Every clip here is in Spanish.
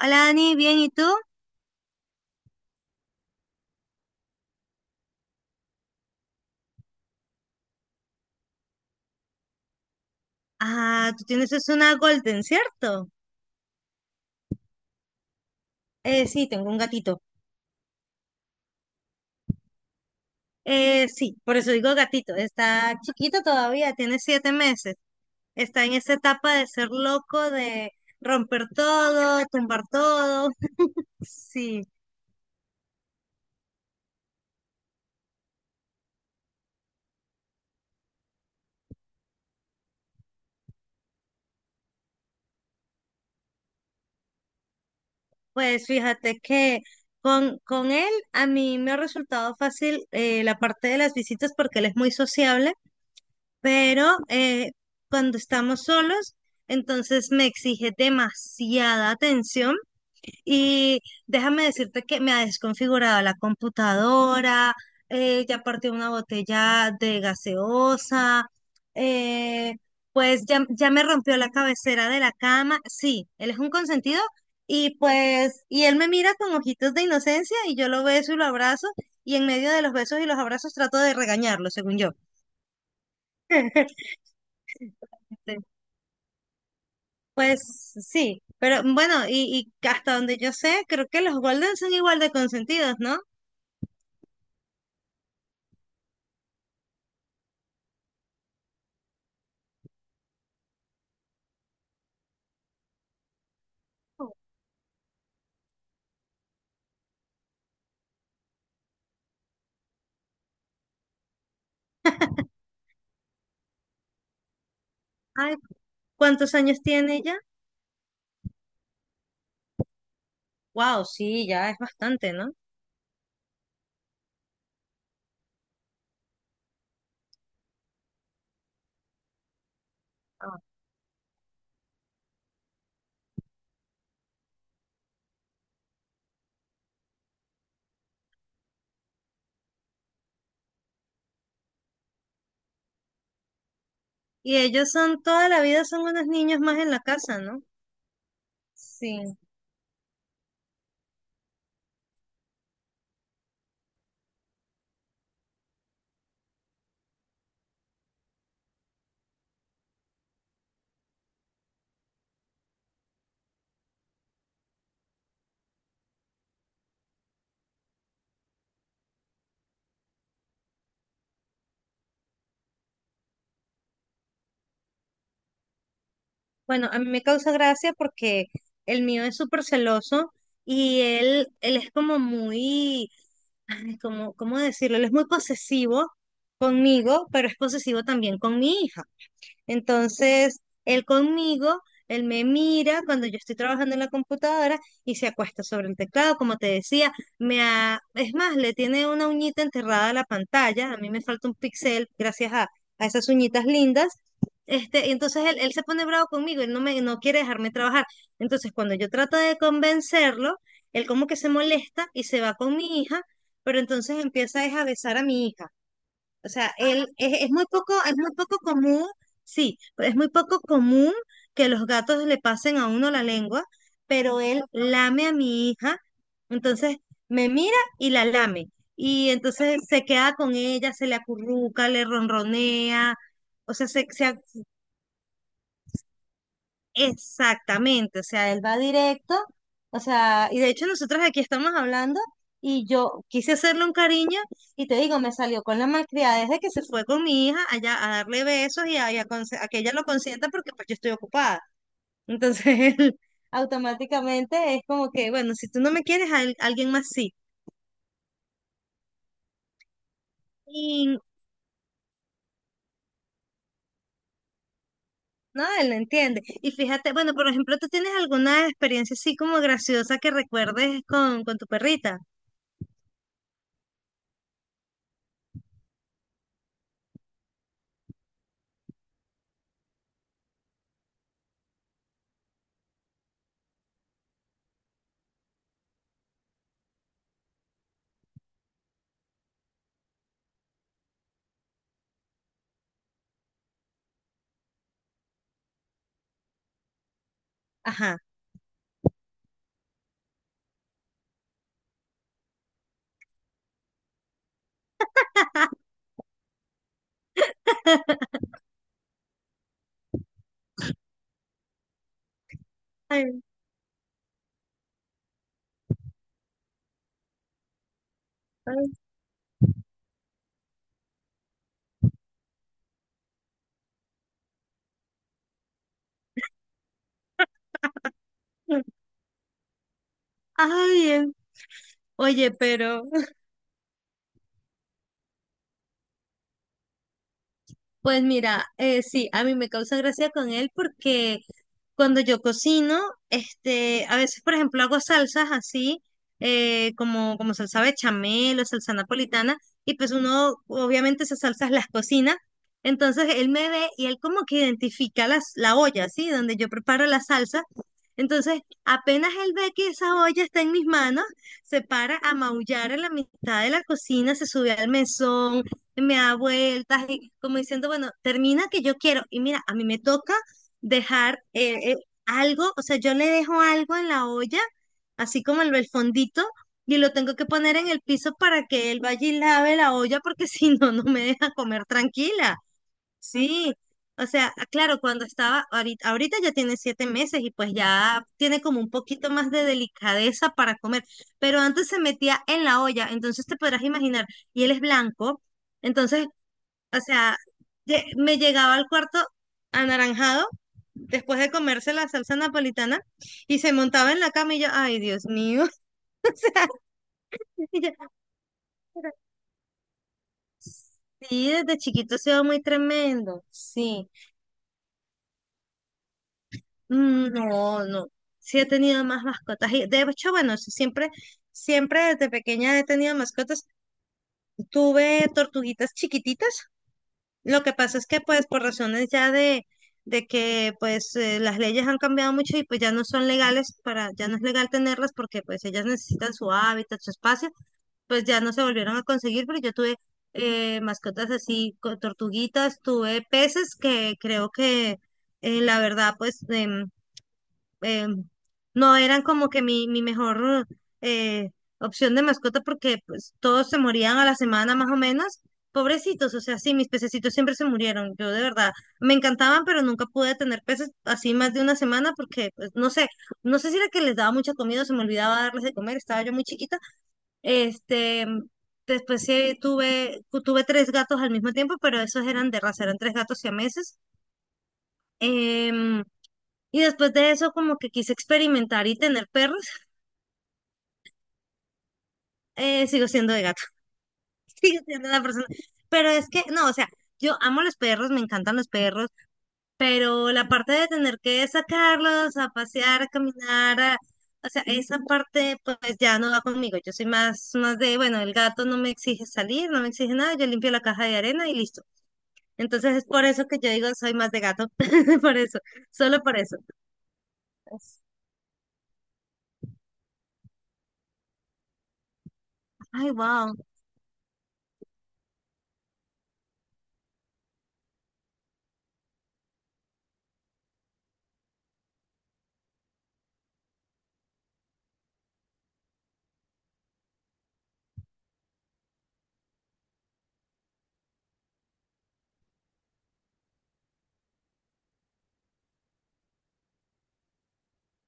Hola Dani, bien, ¿y tú? Ah, tú tienes es una Golden, ¿cierto? Sí, tengo un gatito. Sí, por eso digo gatito. Está chiquito todavía, tiene 7 meses. Está en esa etapa de ser loco, de romper todo, tumbar todo. Sí, pues fíjate que con él a mí me ha resultado fácil la parte de las visitas porque él es muy sociable. Pero cuando estamos solos, entonces me exige demasiada atención y déjame decirte que me ha desconfigurado la computadora. Ya partió una botella de gaseosa, eh, pues ya me rompió la cabecera de la cama. Sí, él es un consentido, y pues, y él me mira con ojitos de inocencia y yo lo beso y lo abrazo. Y en medio de los besos y los abrazos trato de regañarlo, según yo. Pues sí, pero bueno, y hasta donde yo sé, creo que los Golden son igual de consentidos, ¿no? Ay, ¿cuántos años tiene ella? Wow, sí, ya es bastante, ¿no? Ah. Y ellos son, toda la vida son unos niños más en la casa, ¿no? Sí. Bueno, a mí me causa gracia porque el mío es súper celoso y él es como muy, ay, como, ¿cómo decirlo? Él es muy posesivo conmigo, pero es posesivo también con mi hija. Entonces, él conmigo, él me mira cuando yo estoy trabajando en la computadora y se acuesta sobre el teclado. Como te decía, es más, le tiene una uñita enterrada a la pantalla, a mí me falta un pixel gracias a, esas uñitas lindas. Y entonces él se pone bravo conmigo, él no quiere dejarme trabajar. Entonces, cuando yo trato de convencerlo, él como que se molesta y se va con mi hija, pero entonces empieza es a besar a mi hija. O sea, él es muy poco, es muy poco común. Sí, pero es muy poco común que los gatos le pasen a uno la lengua, pero él lame a mi hija, entonces me mira y la lame. Y entonces se queda con ella, se le acurruca, le ronronea, o sea, exactamente, o sea, él va directo. O sea, y de hecho nosotros aquí estamos hablando y yo quise hacerle un cariño y te digo, me salió con la malcriadez de que se fue con mi hija allá a darle besos y a, a que ella lo consienta porque pues yo estoy ocupada. Entonces él automáticamente es como que, bueno, si tú no me quieres, alguien más sí. Y no, él no entiende. Y fíjate, bueno, por ejemplo, ¿tú tienes alguna experiencia así como graciosa que recuerdes con, tu perrita? Ajá. Ay, ay. Ay, oye, pero pues mira, sí, a mí me causa gracia con él porque cuando yo cocino, a veces, por ejemplo, hago salsas así, como salsa bechamel o salsa napolitana, y pues uno, obviamente, esas salsas las cocina. Entonces él me ve y él como que identifica la olla, ¿sí? Donde yo preparo la salsa. Entonces, apenas él ve que esa olla está en mis manos, se para a maullar en la mitad de la cocina, se sube al mesón, me da vueltas y como diciendo, bueno, termina que yo quiero. Y mira, a mí me toca dejar algo, o sea, yo le dejo algo en la olla, así como el fondito, y lo tengo que poner en el piso para que él vaya y lave la olla, porque si no, no me deja comer tranquila. Sí, o sea, ah, claro, cuando estaba, ahorita ya tiene 7 meses y pues ya tiene como un poquito más de delicadeza para comer, pero antes se metía en la olla, entonces te podrás imaginar, y él es blanco. Entonces, o sea, me llegaba al cuarto anaranjado después de comerse la salsa napolitana y se montaba en la cama y yo, ay, Dios mío. Y yo, sí, desde chiquito se va muy tremendo, sí. Mm. No, no. Sí he tenido más mascotas. Y de hecho, bueno, sí, siempre, desde pequeña he tenido mascotas. Tuve tortuguitas chiquititas. Lo que pasa es que, pues, por razones ya de que, pues, las leyes han cambiado mucho y pues ya no son legales para, ya no es legal tenerlas porque, pues, ellas necesitan su hábitat, su espacio. Pues ya no se volvieron a conseguir, pero yo tuve mascotas así, tortuguitas, tuve peces que creo que la verdad, pues, de eh, no eran como que mi, mejor eh, opción de mascota porque pues todos se morían a la semana más o menos. Pobrecitos, o sea, sí, mis pececitos siempre se murieron. Yo de verdad me encantaban, pero nunca pude tener peces así más de una semana porque, pues, no sé, si era que les daba mucha comida, o se me olvidaba darles de comer, estaba yo muy chiquita. Este, Después sí tuve tres gatos al mismo tiempo, pero esos eran de raza, eran tres gatos siameses. Meses y después de eso, como que quise experimentar y tener perros, sigo siendo de gato, sigo siendo la persona. Pero es que, no, o sea, yo amo los perros, me encantan los perros, pero la parte de tener que sacarlos a pasear, a caminar, o sea, esa parte pues ya no va conmigo. Yo soy más de, bueno, el gato no me exige salir, no me exige nada, yo limpio la caja de arena y listo. Entonces es por eso que yo digo soy más de gato, por eso, solo por eso. Ay, wow.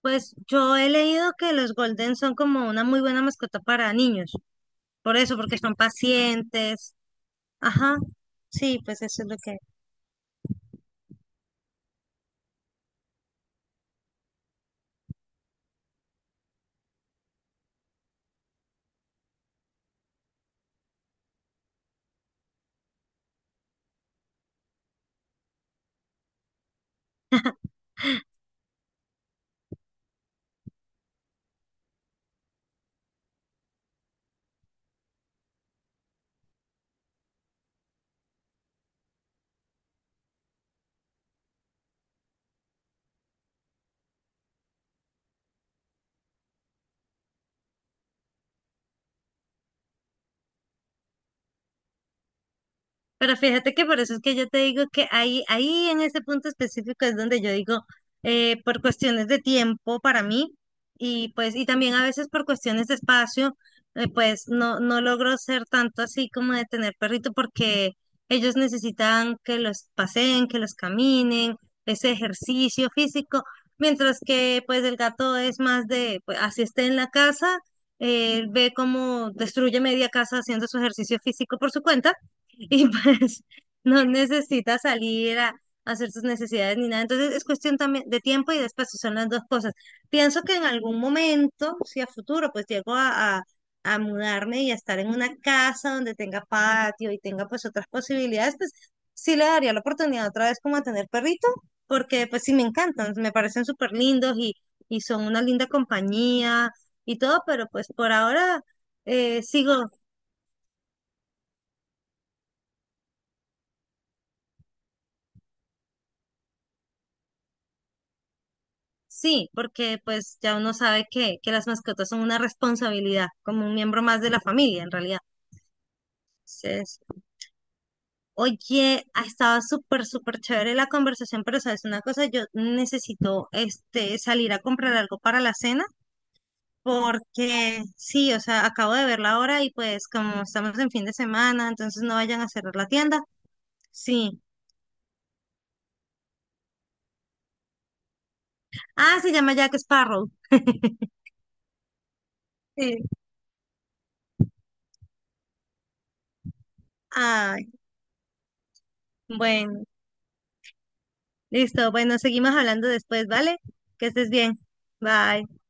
Pues yo he leído que los Golden son como una muy buena mascota para niños, por eso, porque son pacientes. Ajá, sí, pues eso es lo que... Pero fíjate que por eso es que yo te digo que ahí, en ese punto específico es donde yo digo, por cuestiones de tiempo para mí y pues y también a veces por cuestiones de espacio, pues no logro ser tanto así como de tener perrito porque ellos necesitan que los paseen, que los caminen, ese ejercicio físico, mientras que pues el gato es más de, pues, así esté en la casa, él ve cómo destruye media casa haciendo su ejercicio físico por su cuenta y pues no necesita salir a hacer sus necesidades ni nada. Entonces es cuestión también de tiempo y de espacio, son las dos cosas. Pienso que en algún momento, si a futuro, pues llego a, a mudarme y a estar en una casa donde tenga patio y tenga pues otras posibilidades, pues sí le daría la oportunidad otra vez como a tener perrito, porque pues sí me encantan, me parecen súper lindos y son una linda compañía y todo, pero pues por ahora sigo. Sí, porque pues ya uno sabe que, las mascotas son una responsabilidad, como un miembro más de la familia en realidad. Entonces, oye, ha estado súper, súper chévere la conversación, pero sabes una cosa, yo necesito salir a comprar algo para la cena, porque sí, o sea, acabo de ver la hora y pues como estamos en fin de semana, entonces no vayan a cerrar la tienda. Sí. Ah, se llama Jack Sparrow. Sí. Ay, bueno, listo, bueno, seguimos hablando después, ¿vale? Que estés bien. Bye.